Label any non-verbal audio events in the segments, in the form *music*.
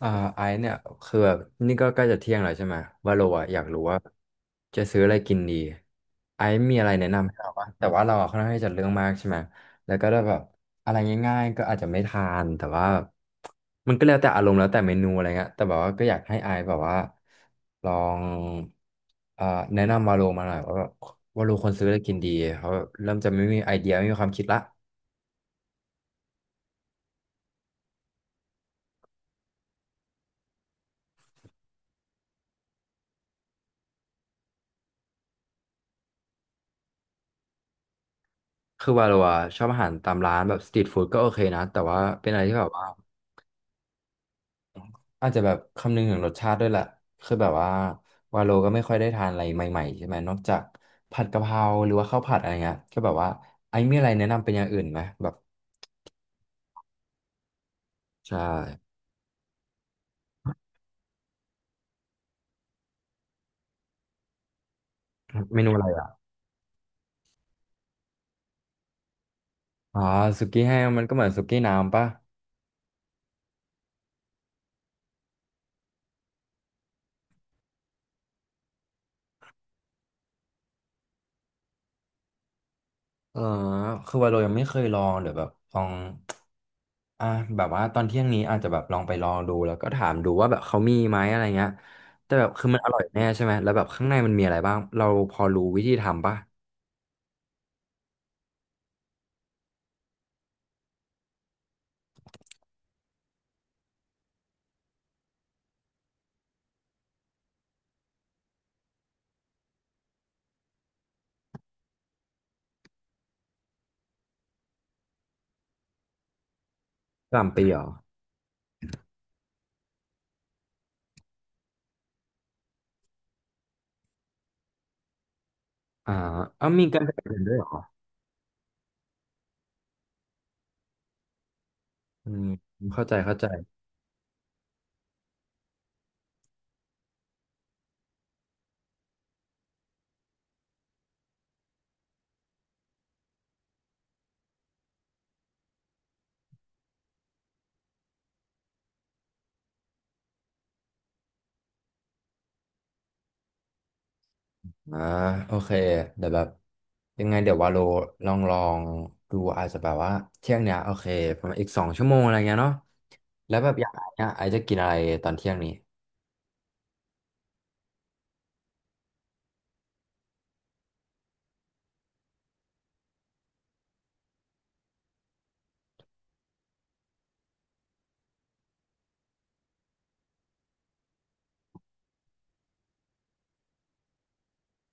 อ่าไอซ์เนี่ยคือแบบนี่ก็ใกล้จะเที่ยงแล้วใช่ไหมว่าโลอะอยากรู้ว่าจะซื้ออะไรกินดีไอซ์มีอะไรแนะนำให้เราปะแต่ว่าเราอะค่อนข้างที่จะเรื่องมากใช่ไหมแล้วก็ได้แบบอะไรง่ายๆก็อาจจะไม่ทานแต่ว่ามันก็แล้วแต่อารมณ์แล้วแต่เมนูอะไรเงี้ยแต่แบบว่าก็อยากให้ไอซ์แบบว่าลองเอ่อแนะนำวาโลมาหน่อยว่าแบบวาโลควรซื้ออะไรกินดีเขาะแบบเริ่มจะไม่มีไอเดียไม่มีความคิดละคือวาโลอะชอบอาหารตามร้านแบบสตรีทฟู้ดก็โอเคนะแต่ว่าเป็นอะไรที่แบบว่า อาจจะแบบคำนึงถึงรสชาติด้วยแหละคือแบบว่าวาโลก็ไม่ค่อยได้ทานอะไรใหม่ๆใช่ไหมนอกจากผัดกะเพราหรือว่าข้าวผัดอะไรเงี้ยก็แบบว่าไอ้มีอะไรแนะนำเป็นอย่างอื่นไหมแบบใช่เมนูอะไรอ่ะอ๋อสุกี้แห้งมันก็เหมือนสุกี้น้ำปะเออคือวาโลยังไม่เคยลองเดี๋ยวแบบลองอ่ะแบบว่าตอนเที่ยงนี้อาจจะแบบลองไปลองดูแล้วก็ถามดูว่าแบบเขามีไหมอะไรเงี้ยแต่แบบคือมันอร่อยแน่ใช่ไหมแล้วแบบข้างในมันมีอะไรบ้างเราพอรู้วิธีทำปะกะหล่ำปีเหรอ อ่าเอามีการแข่งขันด้วยเหรออืมเข้าใจเข้าใจอ่าโอเคเดี๋ยวแบบยังไงเดี๋ยววาโลลองลองดูอาจจะแบบว่าเที่ยงเนี้ยโอเคประมาณอีก2 ชั่วโมงอะไรเงี้ยเนาะแล้วแบบอยางไอเนี่ยไอจะกินอะไรตอนเที่ยงนี้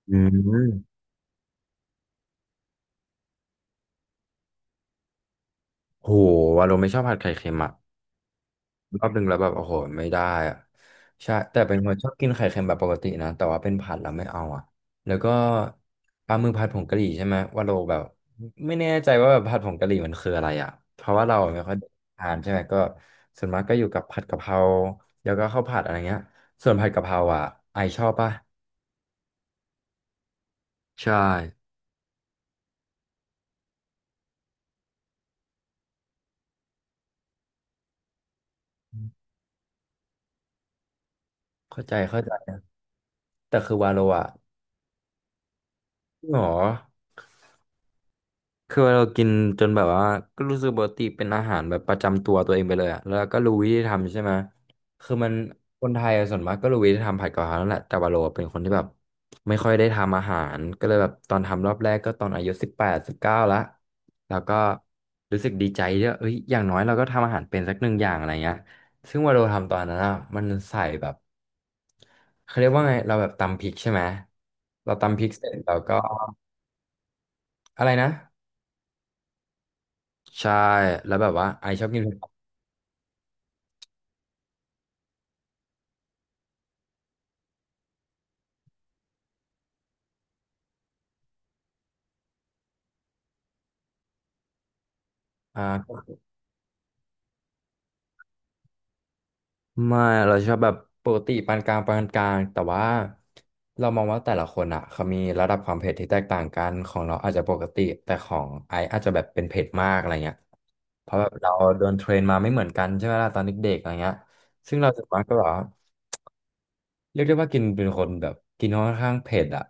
อืมโหวาโลไม่ชอบผัดไข่เค็มอ่ะ รอบหนึ่งแล้วแบบโอ้โหไม่ได้อะใช่แต่เป็นคนชอบกินไข่เค็มแบบปกตินะแต่ว่าเป็นผัดแล้วไม่เอาอ่ะแล้วก็ปลาหมึกผัดผงกะหรี่ใช่ไหมว่าเราแบบไม่แน่ใจว่าแบบผัดผงกะหรี่มันคืออะไรอ่ะเพราะว่าเราไม่ค่อยได้ทานใช่ไหมก็ส่วนมากก็อยู่กับผัดกะเพราแล้วก็ข้าวผัดอะไรเงี้ยส่วนผัดกะเพราอ่ะไอชอบป่ะใช่เข้าใจเข้าใจแต่คือวาโลอ่ะหรอ คือเรากินจนแบบว่าก็รู้สึกปกติเป็นอาหารแบบประจำตัวเองไปเลยอะแล้วก็รู้วิธีทำใช่ไหมคือมันคนไทยอะส่วนมากก็รู้วิธีทำผัดกะเพรานั่นแหละแต่ว่าเราเป็นคนที่แบบไม่ค่อยได้ทำอาหารก็เลยแบบตอนทำรอบแรกก็ตอนอายุ18-19ละแล้วก็รู้สึกดีใจที่ว่าเอ้ยอย่างน้อยเราก็ทำอาหารเป็นสักหนึ่งอย่างอะไรเงี้ยซึ่งว่าเราทำตอนนั้นอะมันใส่แบบเขาเรียกว่าไง เราแบบตำพริกใช่ไหม เราตำพริกเสร็จเราก็อะไรนะใช่แล้วแบบว่าไอชอบกิน อ่าไม่เราชอบแบบปกติปานกลางปานกลางแต่ว่าเรามองว่าแต่ละคนอ่ะเขามีระดับความเผ็ดที่แตกต่างกันของเราอาจจะปกติแต่ของไอซ์อาจจะแบบเป็นเผ็ดมากอะไรเงี้ยเพราะแบบเราโดนเทรนมาไม่เหมือนกันใช่ไหมล่ะตอนเด็กๆอะไรเงี้ยซึ่งเราส่วนมากก็แบบว่า เรียกได้ว่ากินเป็นคนแบบกินค่อนข้างเผ็ดอะ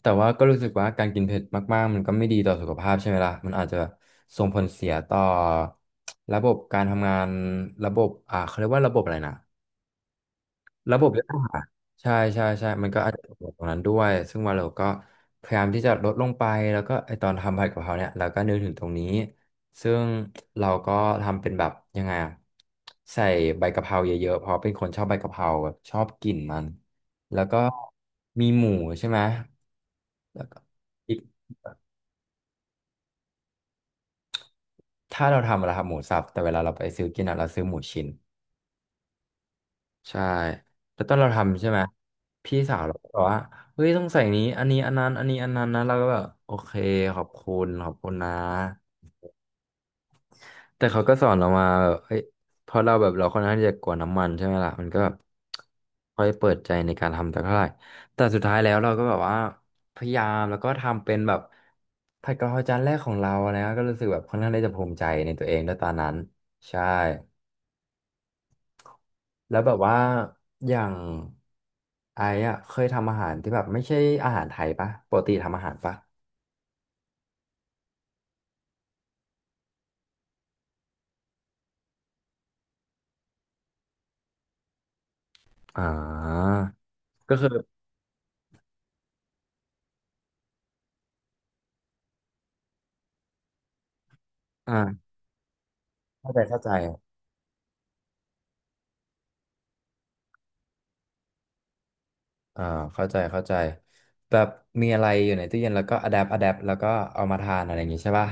แต่ว่าก็รู้สึกว่าการกินเผ็ดมากๆมันก็ไม่ดีต่อสุขภาพใช่ไหมล่ะ มันอาจจะส่งผลเสียต่อระบบการทำงานระบบเขาเรียกว่าระบบอะไรนะระบบ ใช่ใช่ใช่มันก็อาจจะเกิดตรงนั้นด้วย ซึ่งว่าเราก็พยายามที่จะลดลงไปแล้วก็ไอตอนทำผัดกะเพราเนี่ยเราก็นึกถึงตรงนี้ ซึ่งเราก็ทำเป็นแบบยังไงอะใส่ใบกะเพราเยอะๆเพราะเป็นคนชอบใบกะเพราแบบชอบกลิ่นมัน แล้วก็มีหมูใช่ไหมแล้วก็อีกถ้าเราทำเราทำหมูสับแต่เวลาเราไปซื้อกินอะเราซื้อหมูชิ้น ใช่แล้วตอนเราทำใช่ไหมพี่สาวเราก็บอกว่าเฮ้ยต้องใส่นี้อันนี้อันนั้นอันนี้อันนั้นนะเราก็แบบโอเคขอบคุณขอบคุณนะแต่เขาก็สอนเรามาแบบเฮ้ยพอเราแบบเราค่อนข้างที่จะกลัวน้ำมันใช่ไหมล่ะมันก็แบบค่อยเปิดใจในการทำแต่เท่าไหร่แต่สุดท้ายแล้วเราก็แบบว่าพยายามแล้วก็ทำเป็นแบบผัดกะเพราจานแรกของเรานะก็รู้สึกแบบค่อนข้างที่จะภูมิใจในตัวเองด้วยตอนนั้นใช่ แล้วแบบว่าอย่างไอ้อะเคยทำอาหารที่แบบไม่ใช่อาหารไทยปะปกติทำอาหารปะอ่าก็คืออ่าเข้าใจอ่าเข้าใจแบบมีอะไรอยู่ในตู้เย็นแล้วก็อะแดปแล้วก็เอามาทานอะไรอย่างงี้ใช่ปะ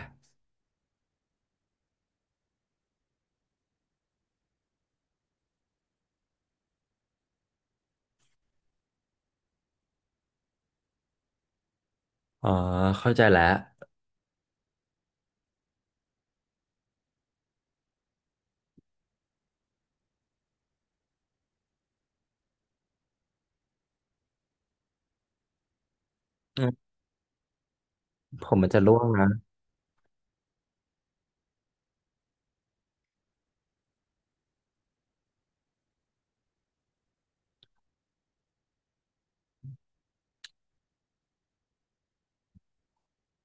อ๋อเข้าใจแล้วอืมผมมันจะร่วงนะ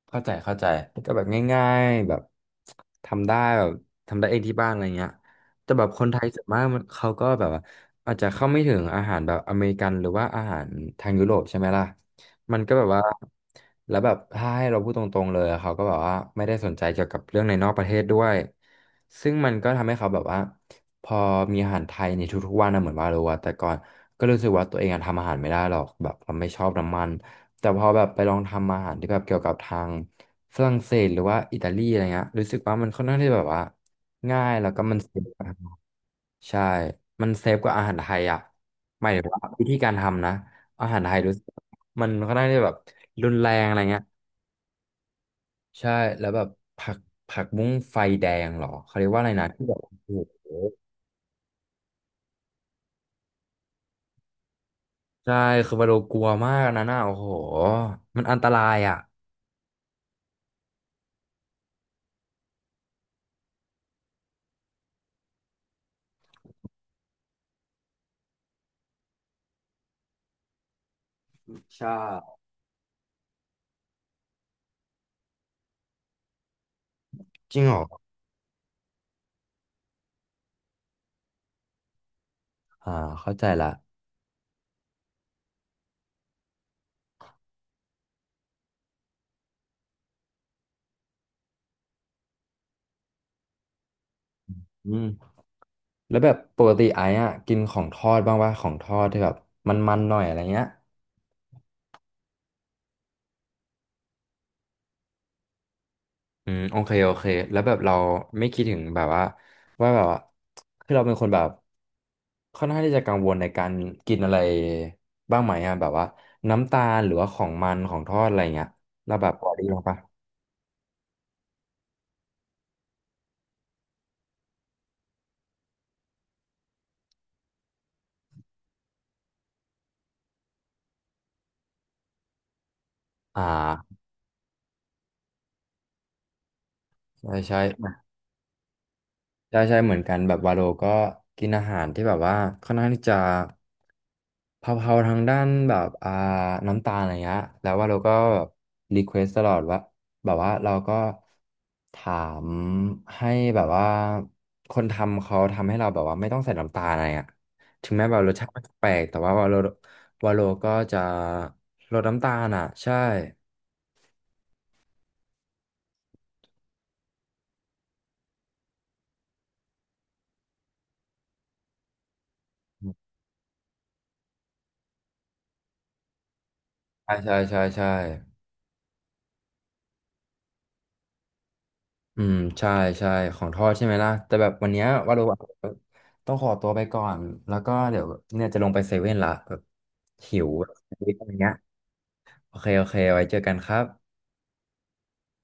เข้าใจก็แบบง่ายๆแบบทำได้แบบทำได้เองที่บ้านอะไรเงี้ยแต่แบบคนไทยส่วนมากมันเขาก็แบบว่าอาจจะเข้าไม่ถึงอาหารแบบอเมริกันหรือว่าอาหารทางยุโรปใช่ไหมล่ะมันก็แบบว่าแล้วแบบถ้าให้เราพูดตรงๆเลยเขาก็แบบว่าไม่ได้สนใจเกี่ยวกับเรื่องในนอกประเทศด้วยซึ่งมันก็ทำให้เขาแบบว่าพอมีอาหารไทยในทุกๆวันนะเหมือนว่าเราว่าแต่ก่อนก็รู้สึกว่าตัวเองอะทำอาหารไม่ได้หรอกแบบเราไม่ชอบน้ำมัน แต่พอแบบไปลองทำอาหารที่แบบเกี่ยวกับทางฝรั่งเศสหรือว่าอิตาลีอะไรเงี้ยรู้สึกว่ามันค่อนข้างที่แบบว่าง่ายแล้วก็มันเซฟกว่าใช่มันเซฟกว่าอาหารไทยอ่ะหมายถึงว่าวิธีการทำนะอาหารไทยรู้สึกมันค่อนข้างที่แบบรุนแรงอะไรเงี้ยใช่แล้วแบบผักผักบุ้งไฟแดงเหรอเขาเรียกว่าอะไรนะที่แบบโอ้โหใช่คือวาโลกลัวมากนะน่ะโอ้โหมันอันตรายอ่ะใช่จริงเหรออ่าเข้าใจละอืม แล้วแบบปกติไอ้อะกินของทอดบ้างว่าของทอดที่แบบมันๆหน่อยอะไรเงี้ยอืมโอเคแล้วแบบเราไม่คิดถึงแบบว่าว่าแบบว่าคือเราเป็นคนแบบค่อนข้างที่จะกังวลในการกินอะไรบ้างไหมอะแบบว่าน้ำตาลหรือว่าของมันของทอดอะไรเงี้ยเราแบบพอดีลงปะอ่าใช่ใช่ ใช่ใช่เหมือนกันแบบวาโลก็กินอาหารที่แบบว่าค่อนข้างที่จะเผาๆทางด้านแบบอ่าน้ำตาลอะไรเงี้ยแล้ววาโลก็รีเควสตลอดว่าแบบว่าเราก็ถามให้แบบว่าคนทำเขาทำให้เราแบบว่าไม่ต้องใส่น้ำตาลอะไรอ่ะถึงแม้แบบรสชาติมันจะแปลกแต่ว่าวาโลก็จะลดน้ำตาลอ่ะใช่ใช่ใช่ใช่ใช่ อืมใช่ใช่ของทอดใช่ไหมล่ะแต่แบบวันเนี้ยวาโรต้องขอตัวไปก่อนแล้วก็เดี๋ยวเนี่ยจะลงไปเซเว่นละแบบหิวแบบ *laughs* อะไรเงี้ยโอเคไว้เจอกันครับ